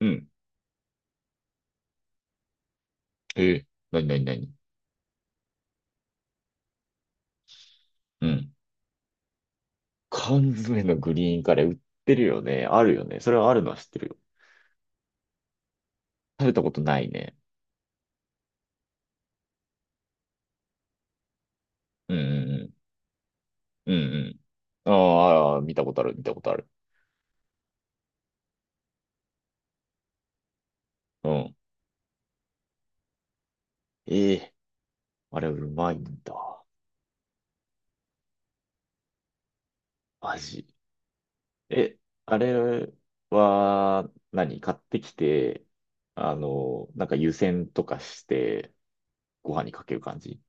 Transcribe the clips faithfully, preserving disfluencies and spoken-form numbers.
うん。えー、なになになに。うん。缶詰のグリーンカレー売ってるよね。あるよね。それはあるのは知ってるよ。食べたことないね。うんうんうん。うんうん。ああ、あー見たことある、見たことある。うん。ええ、あれうまいんだ。味。え、あれは何、買ってきて、あの、なんか湯煎とかして、ご飯にかける感じ？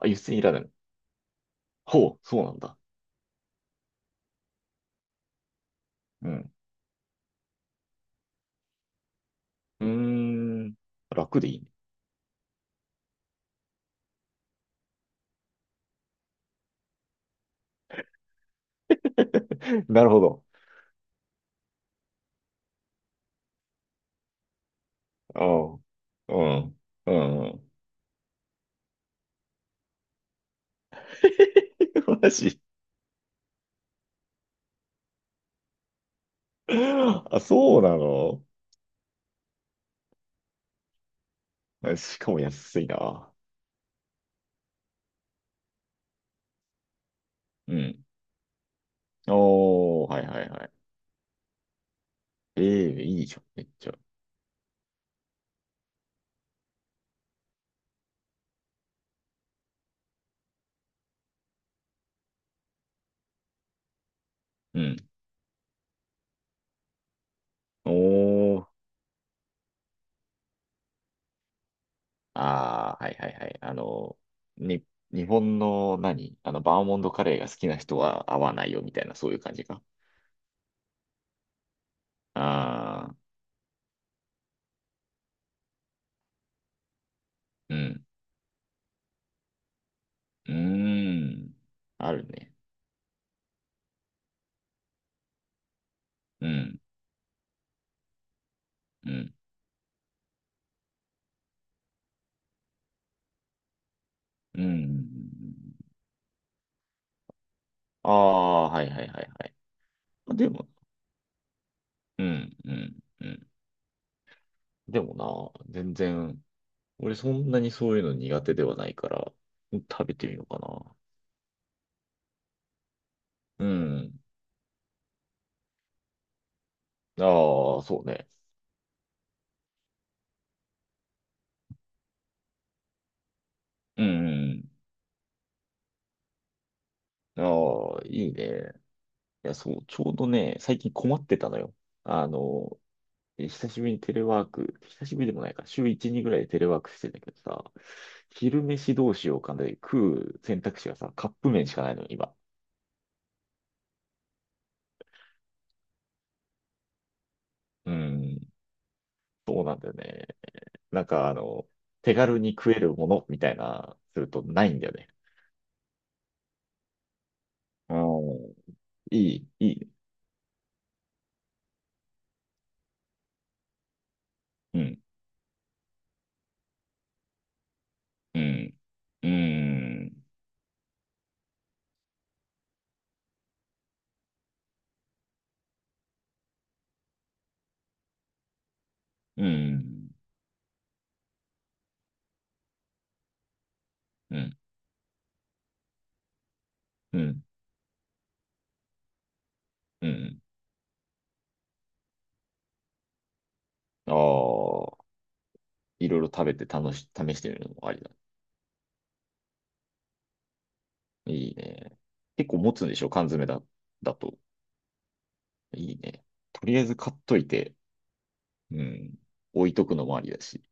あ、湯煎いらないの。ほう、そうなんだ。うん。うーん、楽でいいね。なるほど。うん。うん。うん。マジ。あ、そうなの？あ、しかも安いな。うん。おー、はいはいはい。ええ、いいじゃん、めっちゃ。うん。おー。ああ、はいはいはい。あの、に、日本の何あの、バーモントカレーが好きな人は合わないよ、みたいな、そういう感じか。ああ、うん。うーん。あるね。うん。うん。うん。ああ、はいはいはいはい。でも、うん、うん、うん。でもな、全然、俺そんなにそういうの苦手ではないから、食べてみようかな。うん。ああ、そうね。うん、うん。ああ、いいね。いや、そう、ちょうどね、最近困ってたのよ。あの、久しぶりにテレワーク、久しぶりでもないか、週いち、にぐらいでテレワークしてんだけどさ、昼飯どうしようかなで食う選択肢がさ、カップ麺しかないのよ、今。うん、そうなんだよね。なんかあの、手軽に食えるものみたいな、するとないんだよね。うー、いい、いい。うん、うん、うん、うん、うん、うん、うん。ああ、いろいろ食べて楽し、試してみるのもありだ。いいね。結構持つんでしょ缶詰だ、だと。いいね。とりあえず買っといて、うん。置いとくのもありだし。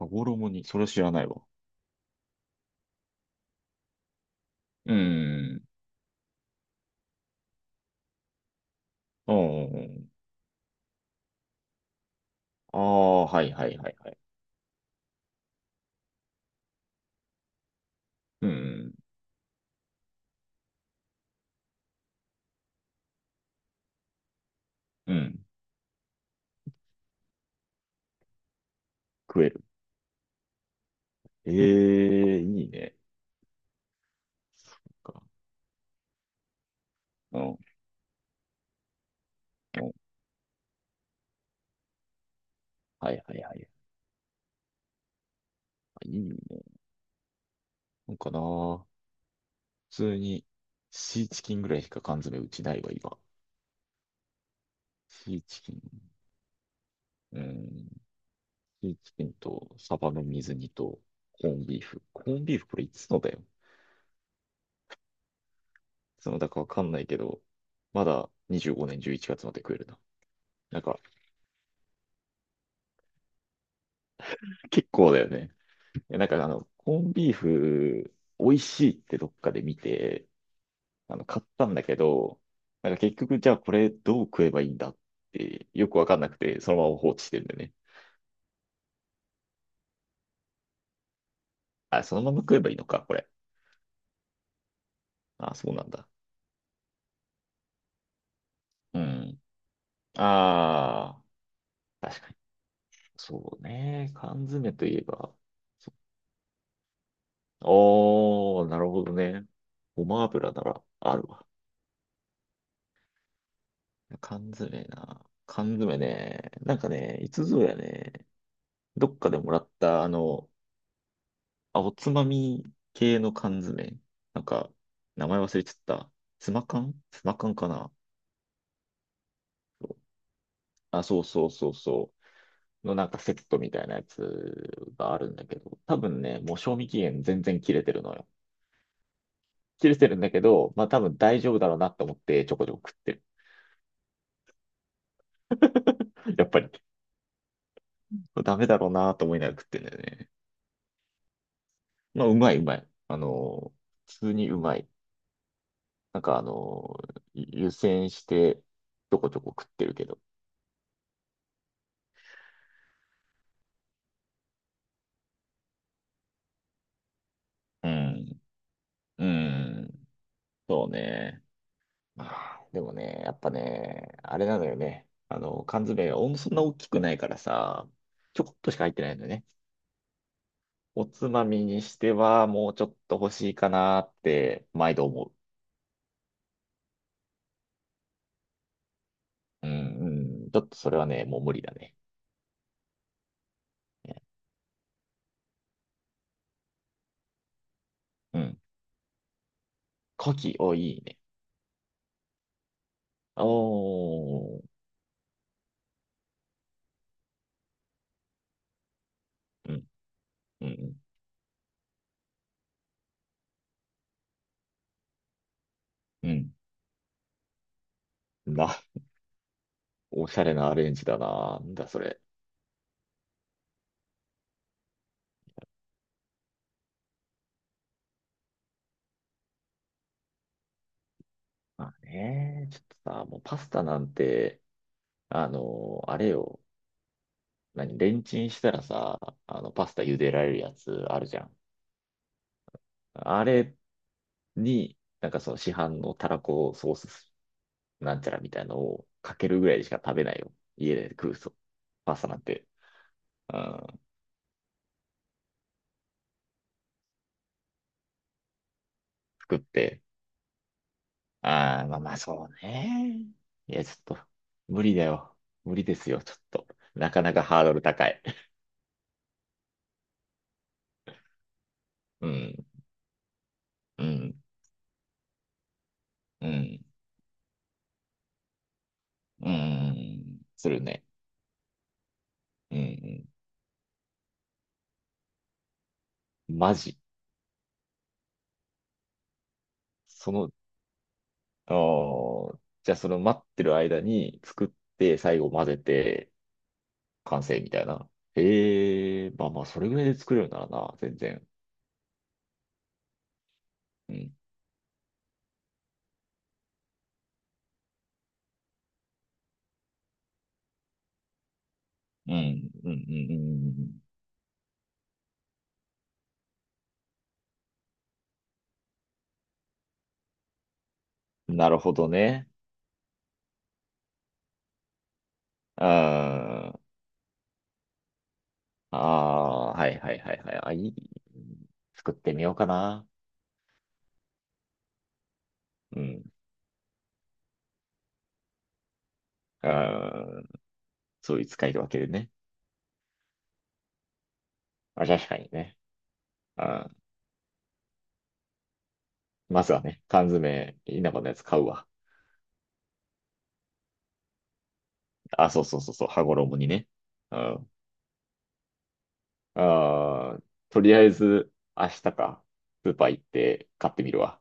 羽衣に、それ知らないわ。うん。うん。ああ、はいはいはいはい。うん。うん。食える。ええ、いいね。そっか。うん。うん。はいはいはい。あ、いいね。なんかな、普通にシーチキンぐらいしか缶詰うちないわ、今。シーチキン、うん、シーチキンとサバの水煮とコーンビーフ。コーンビーフこれいつのだよ。いつのだかわかんないけど、まだにじゅうごねんじゅういちがつまで食えるな。なんか、結構だよね。いやなんかあの、コーンビーフ、美味しいってどっかで見て、あの、買ったんだけど、なんか結局、じゃあこれどう食えばいいんだって、よくわかんなくて、そのまま放置してるんだよね。あ、そのまま食えばいいのか、これ。あ、そうなんだ。うん。ああ、確かに。そうね。缶詰といえば。そおー、なるほどね。ごま油ならあるわ。缶詰な。缶詰ね。なんかね、いつぞやね、どっかでもらった、あの、あ、おつまみ系の缶詰。なんか、名前忘れちゃった。ツマ缶ツマ缶かな。そう、あ、そうそうそうそう。のなんかセットみたいなやつがあるんだけど、多分ね、もう賞味期限全然切れてるのよ。切れてるんだけど、まあ多分大丈夫だろうなと思ってちょこちょこ食ってる。やっぱり。ダメだろうなと思いながら食ってんだよね。まあうまいうまい。あの、普通にうまい。なんかあの湯煎してちょこちょこ食ってるけど。うん。うん。そうね。まあ、でもね、やっぱね、あれなのよね。あの、缶詰がそんな大きくないからさ、ちょこっとしか入ってないんだよね。おつまみにしては、もうちょっと欲しいかなって、毎度思う。うん、うん。ちょっとそれはね、もう無理だね。ね、うん。牡蠣、お、いいね。おー。うん、うん、うん。うん、な、おしゃれなアレンジだな。なんだ、それ。まあね、ちょっとさ、もうパスタなんて、あの、あれよ。何、レンチンしたらさ、あの、パスタ茹でられるやつあるじゃん。あれに、なんかその市販のたらこソースなんちゃらみたいのをかけるぐらいしか食べないよ。家で食うと。パスタなんて。うん、作って。ああ、まあまあそうね。いや、ちょっと、無理だよ。無理ですよ、ちょっと。なかなかハードル高い。うん、うん、うん、うん、するね。うん、うん、マジ。そのあーじゃあその待ってる間に作って最後混ぜて完成みたいな。ええ、まあまあそれぐらいで作れるならな、全然。うん。うん。うん。うん。うん。うん。なるほどね。ああ、ああ、はいはいはいはい。あ、いい。作ってみようかな。うん。うん。そういう使い分けでね。あ、確かにね。あー、まずはね、缶詰、稲葉のやつ買うわ。あ、そうそうそうそう、羽衣にね。うん。ああ、とりあえず、明日か、スーパー行って買ってみるわ。